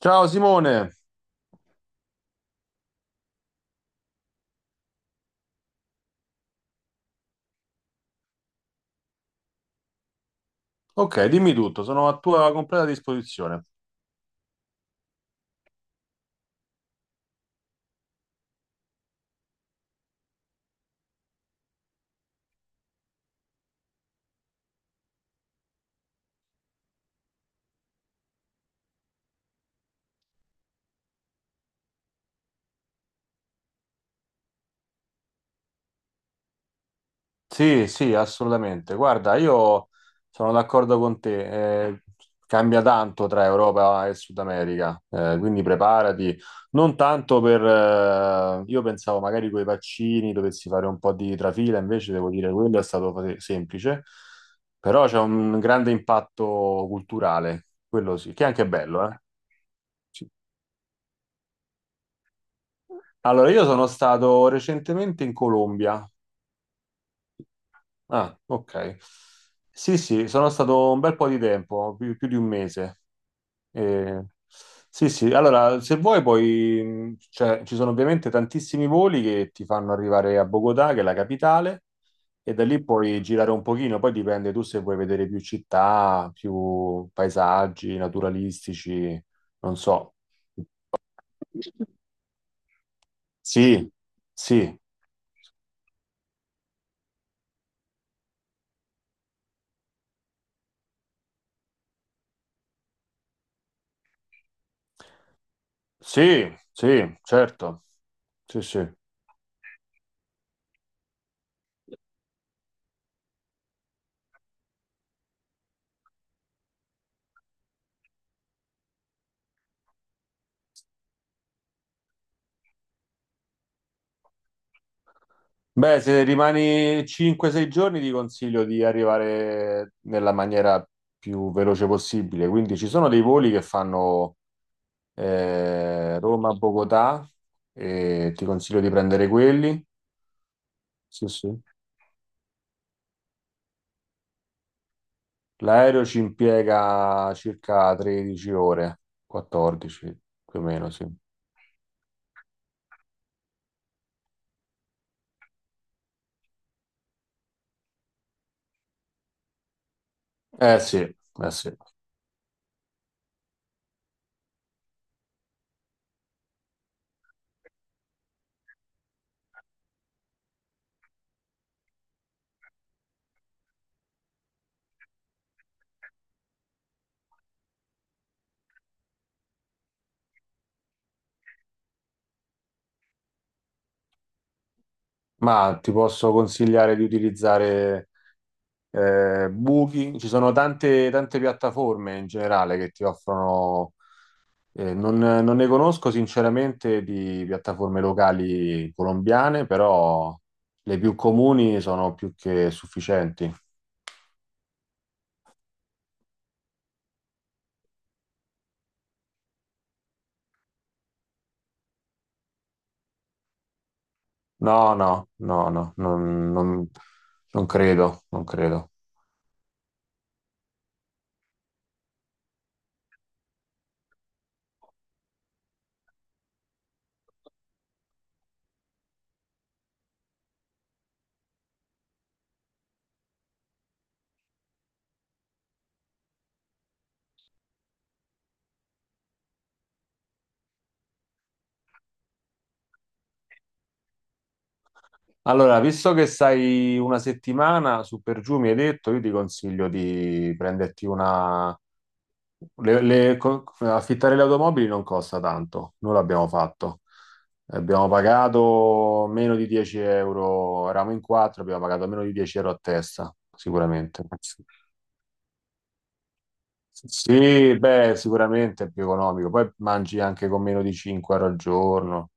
Ciao Simone, ok, dimmi tutto, sono a tua completa disposizione. Sì, sì, assolutamente. Guarda, io sono d'accordo con te, cambia tanto tra Europa e Sud America, quindi preparati, non tanto per... io pensavo magari con i vaccini dovessi fare un po' di trafila, invece devo dire quello è stato semplice, però c'è un grande impatto culturale, quello sì, che è anche bello, eh. Allora, io sono stato recentemente in Colombia. Ah, ok. Sì, sì, sono stato un bel po' di tempo, più di 1 mese. Eh, sì, sì, allora, se vuoi poi, cioè, ci sono ovviamente tantissimi voli che ti fanno arrivare a Bogotà, che è la capitale, e da lì puoi girare un pochino, poi dipende tu se vuoi vedere più città, più paesaggi naturalistici, non so. Sì, sì, sì, sì, certo. Sì, sì. Beh, se rimani 5-6 giorni ti consiglio di arrivare nella maniera più veloce possibile. Quindi ci sono dei voli che fanno Roma-Bogotà, e ti consiglio di prendere quelli. Sì, sì. L'aereo ci impiega circa 13 ore, 14 più o meno, sì. Eh sì, eh sì. Ma ti posso consigliare di utilizzare buchi, ci sono tante piattaforme in generale che ti offrono, non ne conosco sinceramente di piattaforme locali colombiane, però le più comuni sono più che sufficienti. No, no, no, no, non credo, non credo. Allora, visto che stai 1 settimana su per giù, mi hai detto, io ti consiglio di prenderti una, affittare le automobili non costa tanto, noi l'abbiamo fatto. Abbiamo pagato meno di 10 euro, eravamo in quattro, abbiamo pagato meno di 10 euro a testa, sicuramente. Sì, beh, sicuramente è più economico. Poi mangi anche con meno di 5 euro al giorno,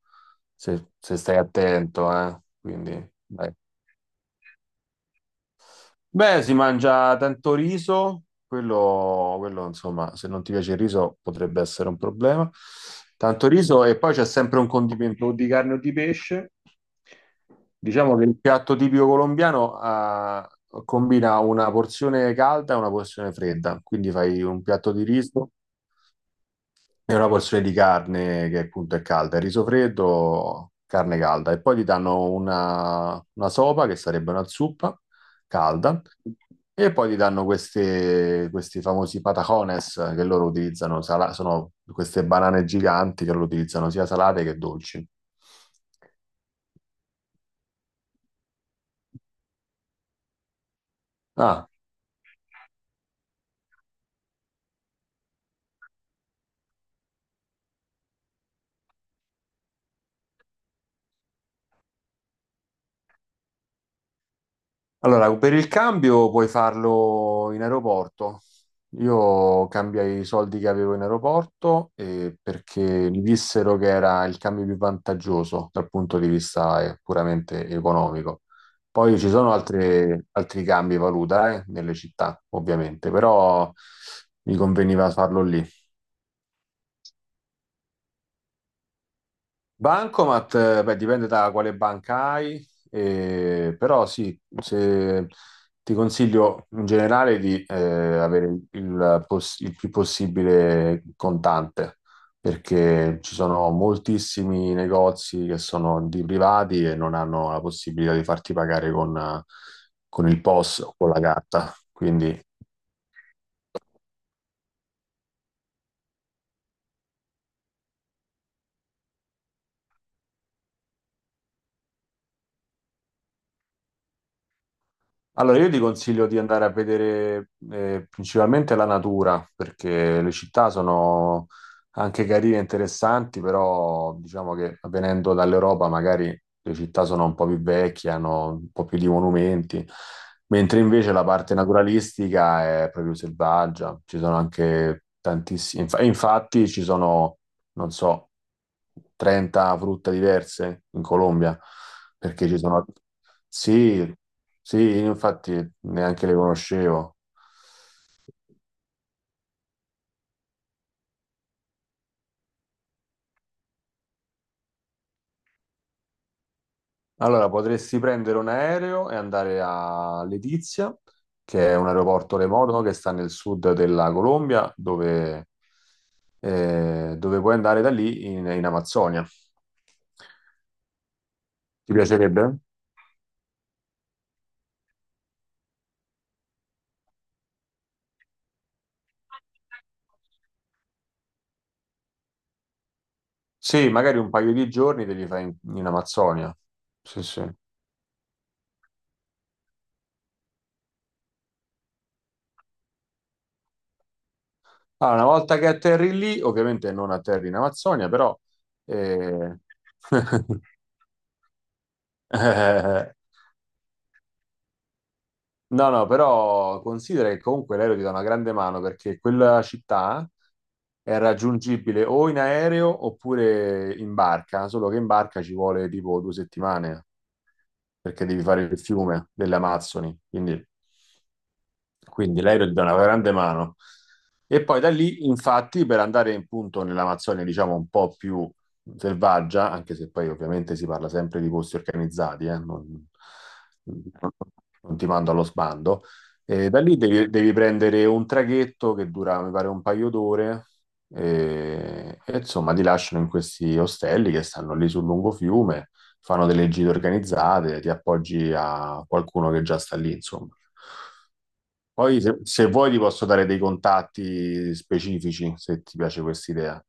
se, se stai attento, eh. Quindi, dai. Beh, si mangia tanto riso, insomma, se non ti piace il riso potrebbe essere un problema. Tanto riso e poi c'è sempre un condimento o di carne o di pesce. Diciamo che il piatto tipico colombiano combina una porzione calda e una porzione fredda, quindi fai un piatto di riso. È una porzione di carne che appunto è calda, il riso freddo, carne calda e poi ti danno una sopa che sarebbe una zuppa calda e poi ti danno queste, questi famosi patacones che loro utilizzano, sono queste banane giganti che loro utilizzano sia salate che dolci. Ah. Allora, per il cambio puoi farlo in aeroporto. Io cambiai i soldi che avevo in aeroporto, perché mi dissero che era il cambio più vantaggioso dal punto di vista puramente economico. Poi ci sono altri cambi valuta nelle città, ovviamente, però mi conveniva farlo lì. Bancomat, beh, dipende da quale banca hai, però sì, ti consiglio in generale di avere il, il più possibile contante, perché ci sono moltissimi negozi che sono di privati e non hanno la possibilità di farti pagare con il POS o S o con la carta. Quindi allora, io ti consiglio di andare a vedere principalmente la natura, perché le città sono anche carine e interessanti, però diciamo che venendo dall'Europa magari le città sono un po' più vecchie, hanno un po' più di monumenti, mentre invece la parte naturalistica è proprio selvaggia, ci sono anche tantissimi, e infatti ci sono non so, 30 frutta diverse in Colombia, perché ci sono... Sì, sì, infatti neanche le conoscevo. Allora, potresti prendere un aereo e andare a Letizia, che è un aeroporto remoto che sta nel sud della Colombia, dove, dove puoi andare da lì in, in Amazzonia. Ti piacerebbe? Sì, magari un paio di giorni te li fai in, in Amazzonia. Sì, sì. Allora, una volta che atterri lì, ovviamente non atterri in Amazzonia, però... eh, eh, no, no, però considera che comunque l'aereo ti dà una grande mano perché quella città è raggiungibile o in aereo oppure in barca, solo che in barca ci vuole tipo 2 settimane perché devi fare il fiume delle Amazzoni, quindi... Quindi l'aereo gli dà una grande mano. E poi da lì, infatti, per andare in punto nell'Amazzonia, diciamo un po' più selvaggia, anche se poi ovviamente si parla sempre di posti organizzati, non ti mando allo sbando. E da lì devi prendere un traghetto che dura, mi pare, un paio d'ore e insomma ti lasciano in questi ostelli che stanno lì sul lungo fiume, fanno delle gite organizzate, ti appoggi a qualcuno che già sta lì, insomma. Poi se, se vuoi ti posso dare dei contatti specifici, se ti piace questa idea.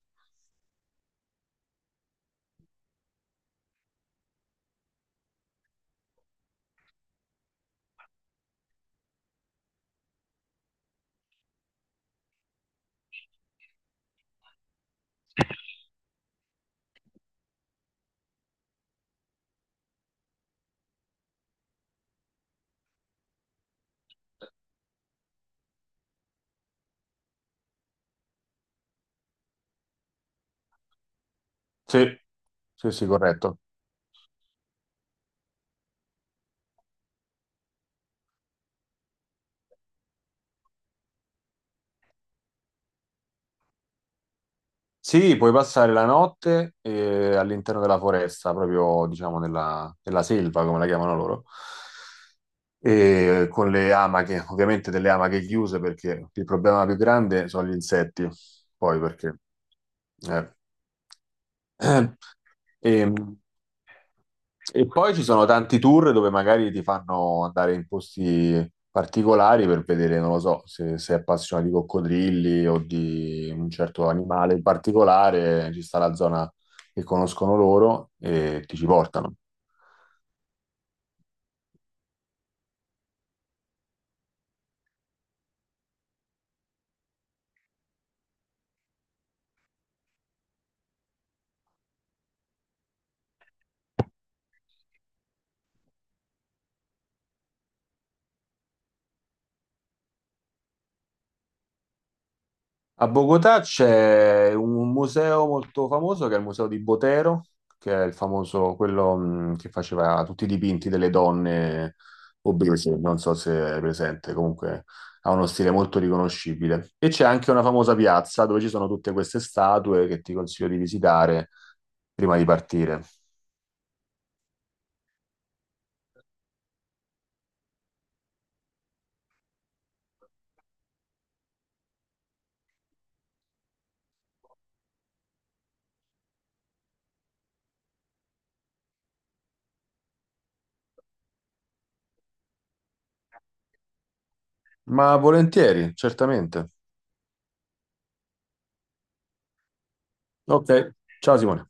Sì, sì, sì, corretto. Sì, puoi passare la notte all'interno della foresta, proprio diciamo nella, nella selva, come la chiamano loro, e con le amache, ovviamente delle amache chiuse perché il problema più grande sono gli insetti, poi perché... eh. E, e poi ci sono tanti tour dove magari ti fanno andare in posti particolari per vedere, non lo so, se sei appassionato di coccodrilli o di un certo animale in particolare, ci sta la zona che conoscono loro e ti ci portano. A Bogotà c'è un museo molto famoso che è il museo di Botero, che è il famoso, quello che faceva tutti i dipinti delle donne obese, non so se è presente, comunque ha uno stile molto riconoscibile. E c'è anche una famosa piazza dove ci sono tutte queste statue che ti consiglio di visitare prima di partire. Ma volentieri, certamente. Ok, ciao Simone.